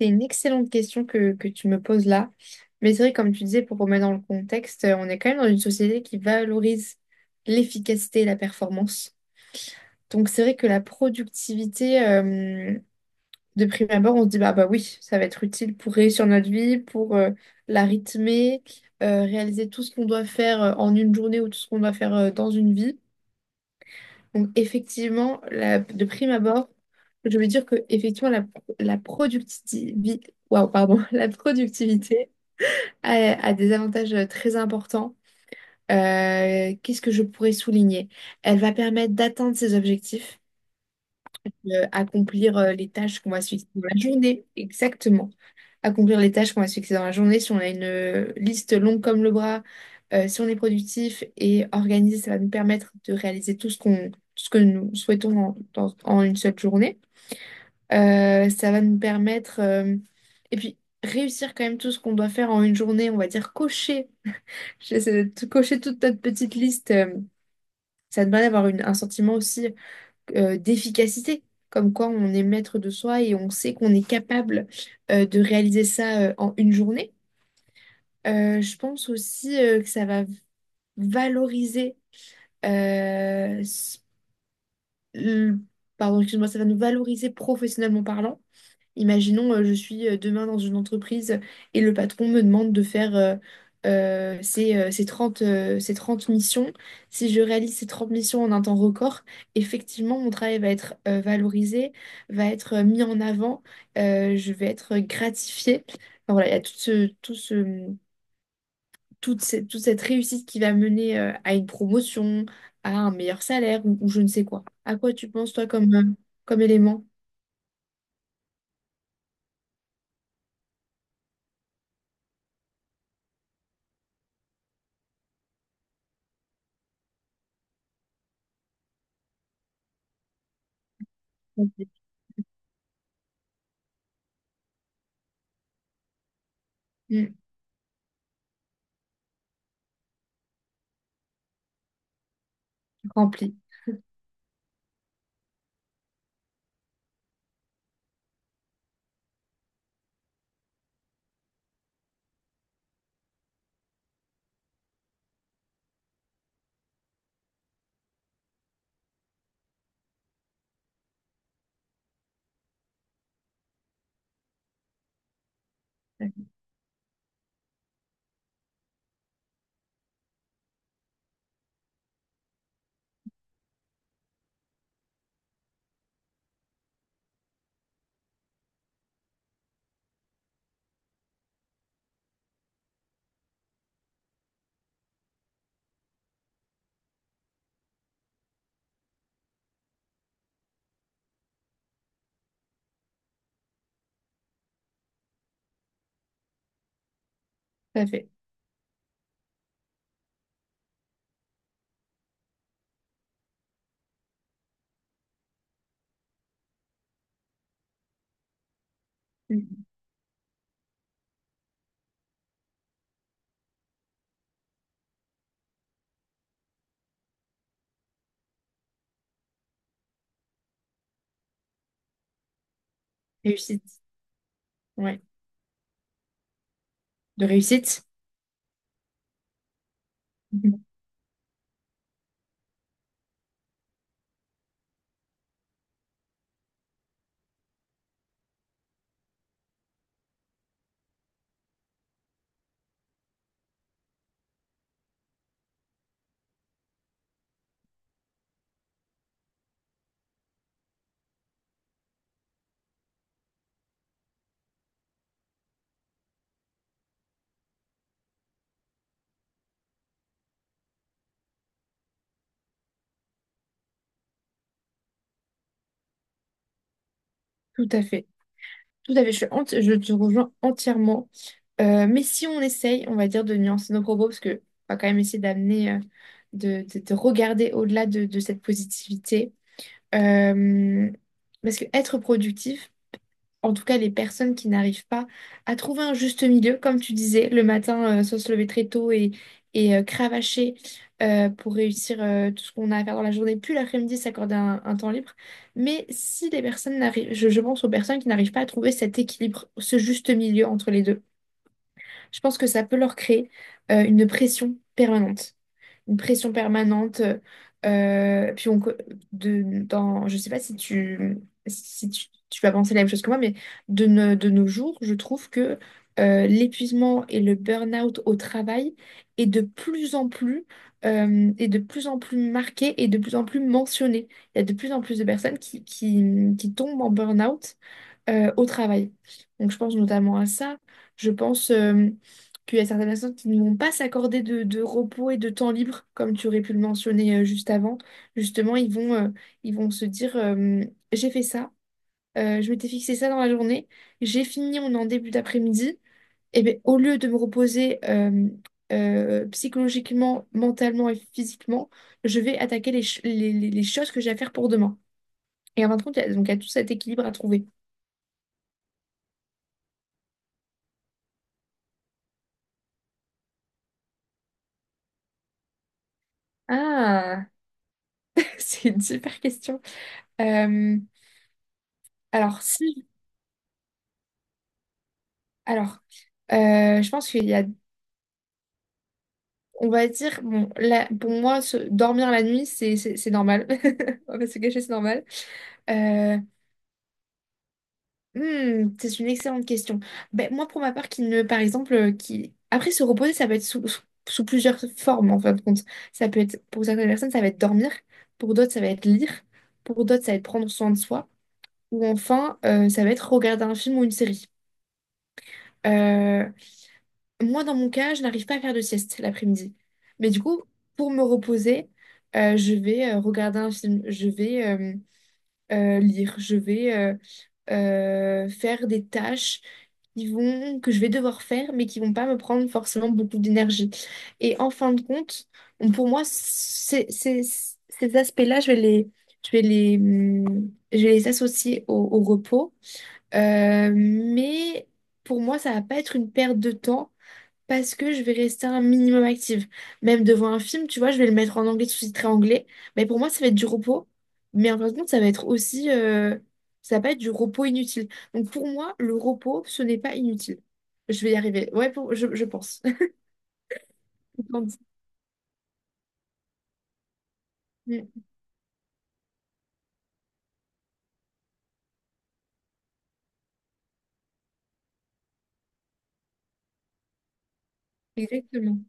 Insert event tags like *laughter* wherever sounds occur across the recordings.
C'est une excellente question que tu me poses là. Mais c'est vrai, comme tu disais, pour remettre dans le contexte, on est quand même dans une société qui valorise l'efficacité et la performance. Donc c'est vrai que la productivité, de prime abord, on se dit, bah oui, ça va être utile pour réussir notre vie, pour la rythmer, réaliser tout ce qu'on doit faire en une journée ou tout ce qu'on doit faire dans une vie. Donc, effectivement, de prime abord, je veux dire que effectivement, la productivité, waouh, pardon, *laughs* la productivité a, a des avantages très importants. Qu'est-ce que je pourrais souligner? Elle va permettre d'atteindre ses objectifs, accomplir les tâches qu'on va se fixer dans la journée, exactement accomplir les tâches qu'on va se fixer dans la journée. Si on a une liste longue comme le bras, si on est productif et organisé, ça va nous permettre de réaliser tout ce que nous souhaitons en une seule journée. Ça va nous permettre, et puis réussir quand même tout ce qu'on doit faire en une journée, on va dire cocher, cocher toute notre petite liste. Ça te permet d'avoir un sentiment aussi d'efficacité, comme quoi on est maître de soi et on sait qu'on est capable de réaliser ça en une journée. Je pense aussi que ça va valoriser, euh, s- le- pardon, excuse-moi, ça va nous valoriser professionnellement parlant. Imaginons, je suis demain dans une entreprise et le patron me demande de faire ces 30 missions. Si je réalise ces 30 missions en un temps record, effectivement, mon travail va être valorisé, va être mis en avant, je vais être gratifiée. Enfin, voilà, il y a toute cette réussite qui va mener à une promotion, à un meilleur salaire ou je ne sais quoi. À quoi tu penses, toi, comme élément? Rempli. Mm. Rempli. Tout à fait. Mm. Réussite. Ouais. De réussite. Mhm. Tout à fait. Tout à fait. Je te rejoins entièrement. Mais si on essaye, on va dire, de nuancer nos propos, parce que on va quand même essayer d'amener, de regarder au-delà de cette positivité. Euh, Parce que être productif, en tout cas les personnes qui n'arrivent pas à trouver un juste milieu, comme tu disais, le matin, soit se lever très tôt cravacher pour réussir tout ce qu'on a à faire dans la journée, puis l'après-midi s'accorder un temps libre. Mais si les personnes n'arrivent, je pense aux personnes qui n'arrivent pas à trouver cet équilibre, ce juste milieu entre les deux, je pense que ça peut leur créer une pression permanente une pression permanente. Puis on, co- de, dans, Je sais pas si tu, tu vas penser la même chose que moi, mais de, no- de nos jours, je trouve que l'épuisement et le burn-out au travail est de plus en plus, est de plus en plus marqué et de plus en plus mentionné. Il y a de plus en plus de personnes qui tombent en burn-out au travail. Donc je pense notamment à ça. Je pense qu'il y a certaines personnes qui ne vont pas s'accorder de repos et de temps libre, comme tu aurais pu le mentionner juste avant. Justement, ils vont se dire, j'ai fait ça, je m'étais fixé ça dans la journée, j'ai fini, on est en début d'après-midi. Et bien, au lieu de me reposer psychologiquement, mentalement et physiquement, je vais attaquer les, ch- les choses que j'ai à faire pour demain. Et en fin de compte, donc il y a tout cet équilibre à trouver. Ah, *laughs* c'est une super question. Euh, alors, si, alors, Je pense qu'il y a, on va dire, bon, là, pour moi, dormir la nuit, c'est normal. *laughs* On va pas se cacher, c'est normal. Euh, c'est une excellente question. Ben, moi, pour ma part, qui ne, par exemple, qui... Après, se reposer, ça peut être sous plusieurs formes, en fin de compte. Ça peut être, pour certaines personnes, ça va être dormir. Pour d'autres, ça va être lire. Pour d'autres, ça va être prendre soin de soi. Ou enfin, ça va être regarder un film ou une série. Euh, Moi, dans mon cas, je n'arrive pas à faire de sieste l'après-midi. Mais du coup, pour me reposer, je vais regarder un film, je vais lire, je vais faire des tâches qui vont, que je vais devoir faire, mais qui vont pas me prendre forcément beaucoup d'énergie. Et en fin de compte, pour moi, ces aspects-là, je vais je vais les associer au repos. Mais pour moi, ça va pas être une perte de temps. Parce que je vais rester un minimum active. Même devant un film, tu vois, je vais le mettre en anglais, sous-titré anglais. Mais pour moi, ça va être du repos. Mais en fin de compte, ça va être aussi... ça va pas être du repos inutile. Donc pour moi, le repos, ce n'est pas inutile. Je vais y arriver. Ouais, je pense. *laughs* Tandis- Mm. Exactement.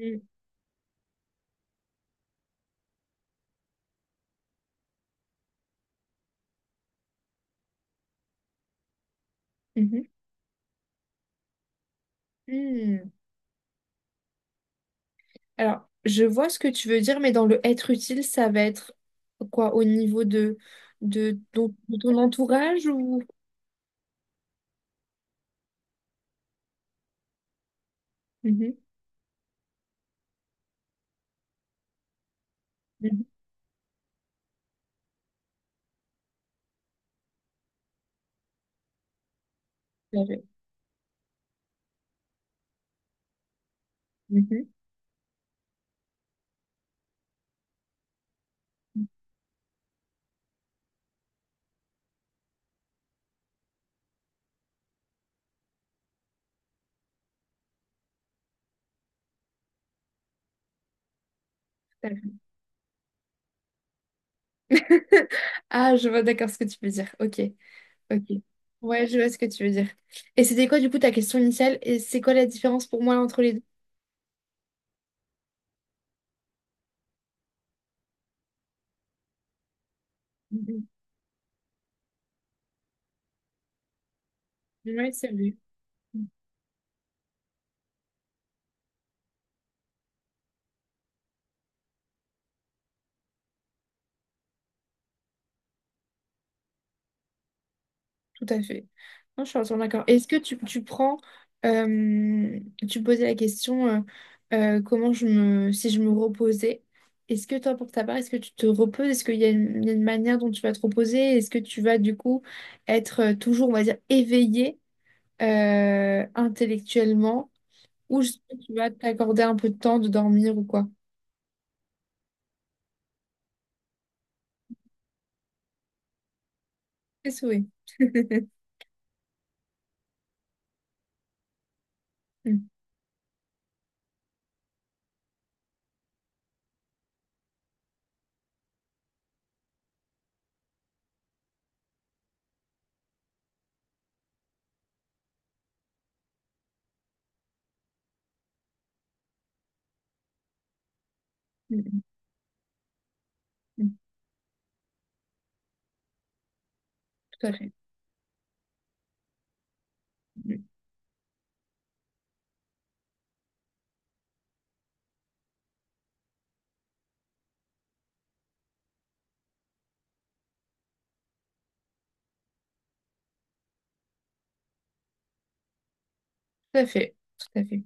Mm. Mhm. Mm. Alors, je vois ce que tu veux dire, mais dans le être utile, ça va être quoi au niveau de ton entourage ou... Mhm, mhm, tout à fait. Mhm. *laughs* Ah, je vois d'accord ce que tu veux dire. Ok, ok. Ouais, je vois ce que tu veux dire. Et c'était quoi du coup ta question initiale? Et c'est quoi la différence pour moi entre les deux? Mhm. Ouais, c'est vrai. Tout à fait. Non, je suis entièrement d'accord. Est-ce que tu prends, euh, tu posais la question comment je me, si je me reposais, est-ce que toi, pour ta part, est-ce que tu te reposes? Est-ce qu'il y a il y a une manière dont tu vas te reposer? Est-ce que tu vas du coup être toujours, on va dire, éveillé intellectuellement? Ou juste que tu vas t'accorder un peu de temps de dormir ou quoi. C'est souhait. *laughs* Mm, mm, mm, mm. Tout à fait. Mm. Tout à fait. Tout à fait.